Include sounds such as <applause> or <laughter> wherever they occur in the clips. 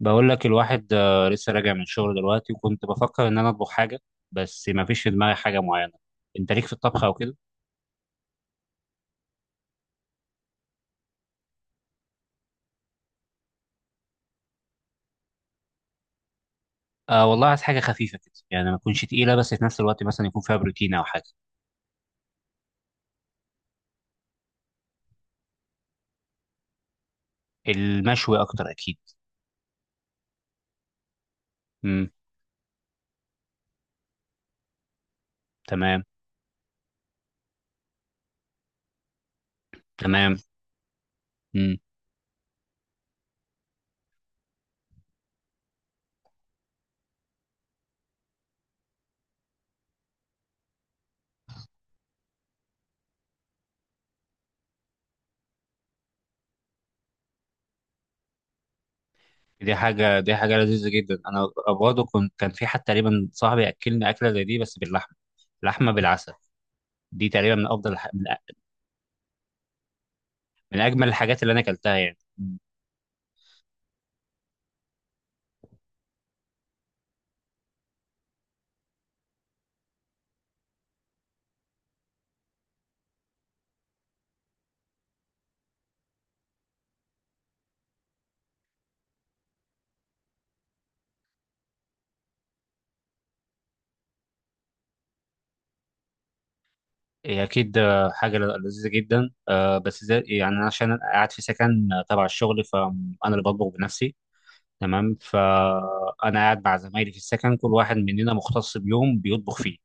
بقول لك الواحد لسه راجع من الشغل دلوقتي، وكنت بفكر ان انا اطبخ حاجه. بس ما فيش في دماغي حاجه معينه. انت ليك في الطبخ او كده؟ آه والله عايز حاجه خفيفه كده، يعني ما تكونش تقيله، بس في نفس الوقت مثلا يكون فيها بروتين او حاجه. المشوي اكتر اكيد. امم. تمام، تمام. امم. دي حاجه لذيذه جدا. انا برضه كان في حد تقريبا صاحبي اكلني اكله زي دي بس باللحمه، لحمه بالعسل. دي تقريبا من افضل الح- من أ- من اجمل الحاجات اللي انا اكلتها يعني. هي أكيد حاجة لذيذة جدا، بس زي يعني، أنا عشان أنا قاعد في سكن تبع الشغل، فأنا اللي بطبخ بنفسي. تمام، فانا قاعد مع زمايلي في السكن، كل واحد مننا مختص بيوم بيطبخ فيه.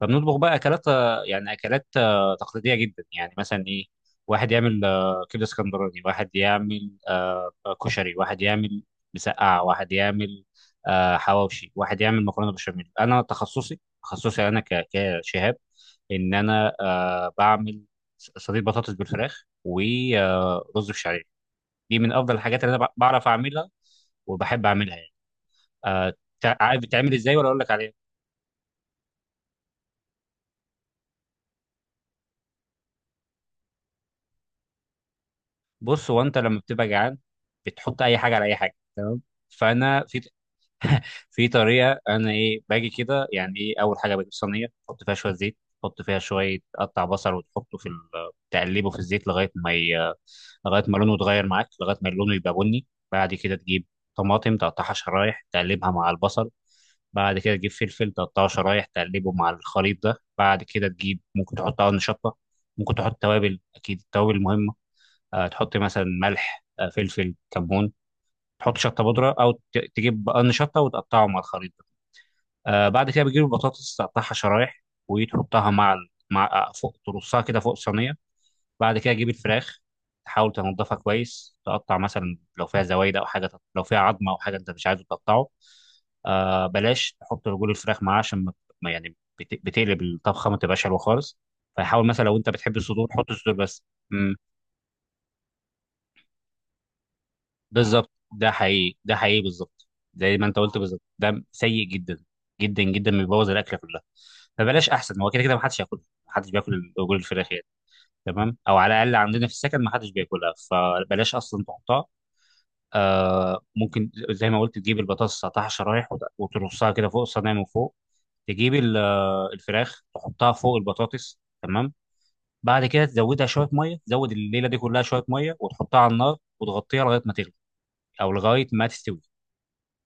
فبنطبخ بقى اكلات آه، يعني اكلات آه، تقليديه جدا، يعني مثلا ايه. واحد يعمل كبده اسكندراني، واحد يعمل كشري، واحد يعمل مسقعه، واحد يعمل حواوشي، واحد يعمل مكرونه بشاميل. انا تخصصي، انا كشهاب، ان انا بعمل صينيه بطاطس بالفراخ ورز بشعريه. دي من افضل الحاجات اللي انا بعرف اعملها وبحب اعملها يعني. آه، عارف بتعمل ازاي ولا اقول لك عليها؟ بص، هو انت لما بتبقى جعان بتحط اي حاجه على اي حاجه، تمام؟ فانا في <laughs> في طريقه، انا ايه باجي كده يعني. ايه، اول حاجه بجيب صينيه، احط فيها شويه زيت، احط فيها شويه قطع بصل، وتحطه تقلبه في الزيت لغايه ما لونه يتغير معاك، لغايه ما لونه يبقى بني. بعد كده تجيب طماطم، تقطعها شرايح، تقلبها مع البصل. بعد كده تجيب فلفل، تقطعه شرايح، تقلبه مع الخليط ده. بعد كده تجيب، ممكن تحط قرن شطة، ممكن تحط توابل، أكيد التوابل مهمة. تحط مثلا ملح، فلفل، كمون. تحط شطه بودره، او تجيب بقرن شطه وتقطعه مع الخليط ده. بعد كده بتجيب البطاطس، تقطعها شرايح، وتحطها مع ال- مع آه، فوق، ترصها كده فوق الصينيه. بعد كده تجيب الفراخ، تحاول تنضفها كويس، تقطع مثلا لو فيها زوايد او حاجه، لو فيها عظمه او حاجه انت مش عايزه تقطعه. بلاش تحط رجول الفراخ معاه، عشان ما يعني بتقلب الطبخه ما تبقاش حلوه خالص. فحاول مثلا لو انت بتحب الصدور، حط الصدور بس. بالظبط، ده حقيقي، ده حقيقي، بالظبط، زي ما انت قلت بالظبط، ده سيء جدا جدا جدا، بيبوظ الاكله كلها. فبلاش، احسن هو كده كده ما حدش ياكلها، ما حدش بياكل رجول الفراخ يعني. تمام، او على الاقل عندنا في السكن ما حدش بياكلها، فبلاش اصلا تحطها. ممكن زي ما قلت تجيب البطاطس، تقطعها شرايح، وترصها كده فوق الصينيه من فوق. تجيب الفراخ، تحطها فوق البطاطس، تمام. بعد كده تزودها شويه ميه، تزود الليله دي كلها شويه ميه، وتحطها على النار وتغطيها لغايه ما تغلي او لغايه ما تستوي،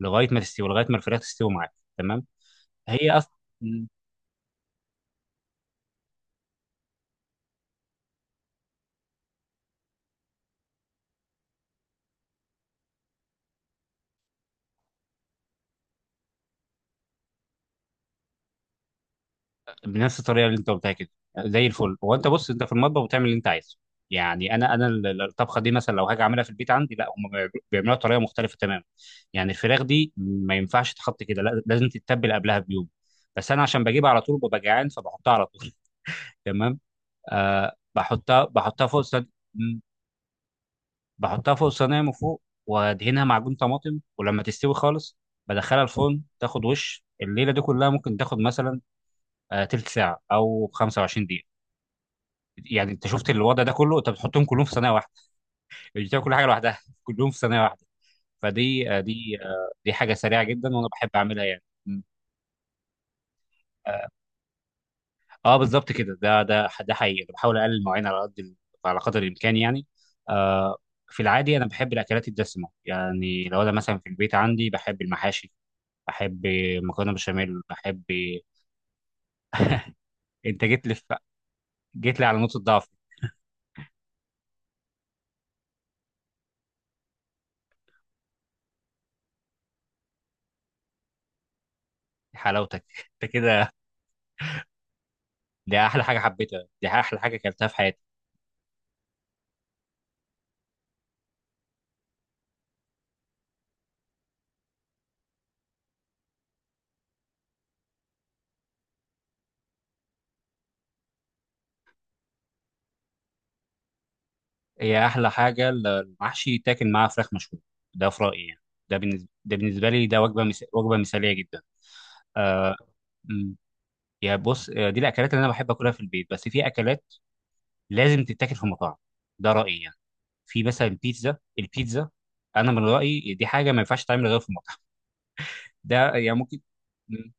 لغايه ما الفراخ تستوي معاك، تمام. هي اصلا بنفس الطريقه اللي انت قلتها كده، زي الفل. هو انت بص انت في المطبخ بتعمل اللي انت عايزه. يعني انا الطبخه دي مثلا لو هاجي اعملها في البيت عندي، لا، هم بيعملوها بيعملوها بطريقه مختلفه تماما. يعني الفراخ دي ما ينفعش تتحط كده، لا، لازم تتبل قبلها بيوم، بس انا عشان بجيبها على طول ببقى جعان فبحطها على طول. <laughs> تمام. بحطها فوق السد، بحطها فوق الصينيه من فوق، وادهنها معجون طماطم، ولما تستوي خالص بدخلها الفرن، تاخد وش الليله دي كلها، ممكن تاخد مثلا تلت ساعه او 25 دقيقه. يعني انت شفت الوضع ده كله، انت بتحطهم كلهم في صينيه واحده، مش بتاكل كل حاجه لوحدها <laughs> كلهم في صينيه واحده. فدي آه، دي آه، دي حاجه سريعه جدا، وانا بحب اعملها يعني. اه، بالظبط كده، ده حقيقي. أنا بحاول اقلل المواعين على قدر الامكان يعني. آه في العادي انا بحب الاكلات الدسمه، يعني لو انا مثلا في البيت عندي بحب المحاشي، احب مكرونه بشاميل، احب. انت جيت لي في... جيت لي على نقطه ضعف، حلاوتك <laughs> انت كده. دي احلى حاجه اكلتها في حياتي. هي احلى حاجه، المحشي يتاكل معاه فراخ مشويه، ده في رايي يعني. ده بالنسبه لي، ده وجبه مثاليه جدا. آه... أمم. يا بص، دي الاكلات اللي انا بحب اكلها في البيت، بس في اكلات لازم تتاكل في مطاعم، ده رايي يعني. في مثلا البيتزا، انا من رايي دي حاجه ما ينفعش تعمل غير في مطعم، ده يعني ممكن. أمم.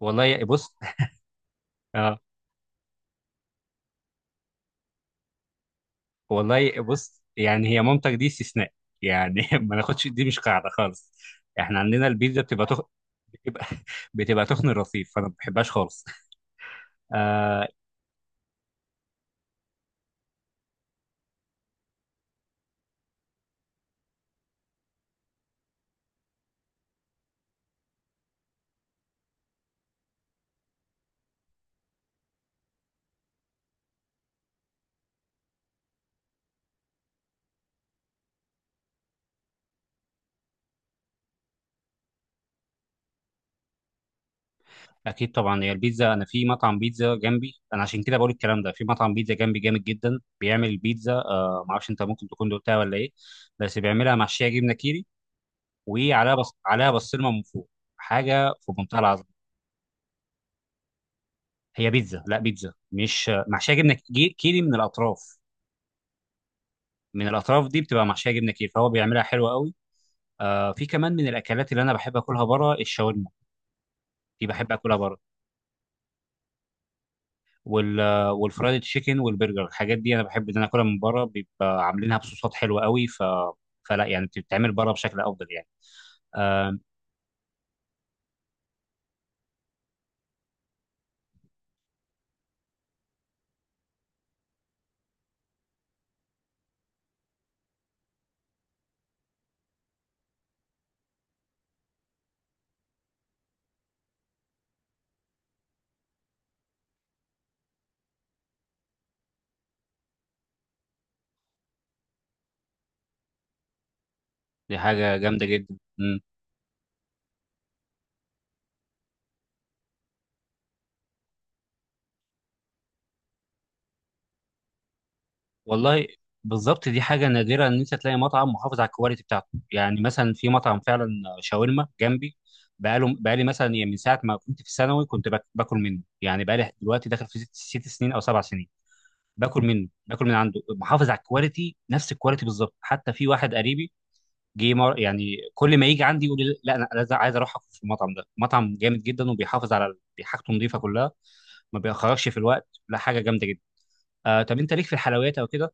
والله بص. <laughs> والله، بص، يعني هي مامتك دي استثناء يعني، <laughs> ما ناخدش، دي مش قاعده خالص. احنا عندنا البيتزا بتبقى <laughs> بتبقى تخن الرصيف، فانا ما بحبهاش خالص. آه اكيد طبعا، هي البيتزا، انا في مطعم بيتزا جنبي، انا عشان كده بقول الكلام ده، في مطعم بيتزا جنبي جامد جدا بيعمل بيتزا، ما اعرفش انت ممكن تكون دوقتها ولا ايه، بس بيعملها محشيه جبنه كيري، عليها بسطرمه من فوق، حاجه في منتهى العظمه. هي بيتزا، لا، بيتزا مش محشيه جبنه كيري من الاطراف، من الاطراف دي بتبقى محشيه جبنه كتير، فهو بيعملها حلوه قوي. في كمان من الاكلات اللي انا بحب اكلها بره، الشاورما، دي بحب اكلها بره، وال والفرايد تشيكن والبرجر، الحاجات دي انا بحب ان انا اكلها من بره، بيبقى عاملينها بصوصات حلوه قوي، فلا يعني بتتعمل بره بشكل افضل يعني. آه دي حاجه جامده جدا والله. بالظبط، دي حاجة نادرة إن أنت تلاقي مطعم محافظ على الكواليتي بتاعته، يعني مثلا في مطعم فعلا شاورما جنبي، بقالي مثلا، يعني من ساعة ما كنت في الثانوي كنت باكل منه، يعني بقالي دلوقتي داخل في 6 سنين أو 7 سنين، باكل منه، باكل من عنده، محافظ على الكواليتي، نفس الكواليتي بالظبط، حتى في واحد قريبي يعني كل ما يجي عندي يقول لي لا، أنا عايز أروح أكل في المطعم ده، مطعم جامد جدا وبيحافظ على حاجته نظيفة كلها، ما بيأخركش في الوقت، لا، حاجة جامدة جدا. طب أنت ليك في الحلويات أو كده؟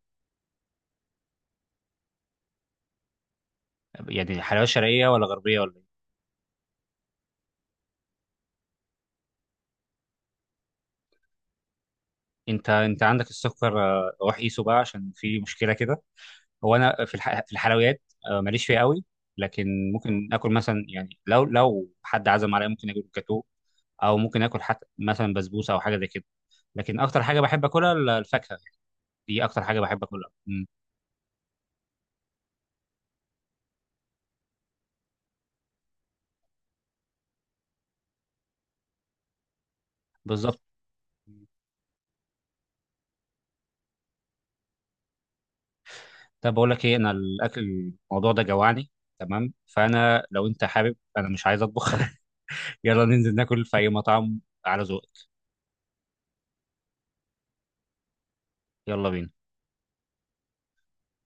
يعني حلاوة شرقية ولا غربية ولا إيه؟ أنت عندك السكر، روح قيسه بقى عشان في مشكلة كده. هو أنا في الحلويات ماليش فيها قوي، لكن ممكن آكل مثلا، يعني لو حد عزم عليا ممكن آكل جاتوه، أو ممكن آكل حتى مثلا بسبوسة أو حاجة زي كده. لكن أكتر حاجة بحب آكلها الفاكهة، دي أكتر حاجة بحب آكلها. مم. بالظبط. طب بقول لك ايه، انا الاكل الموضوع ده جوعني، تمام، فانا لو انت حابب، انا مش عايز اطبخ، <laughs> يلا ننزل ناكل في اي مطعم، على ذوقك. يلا بينا.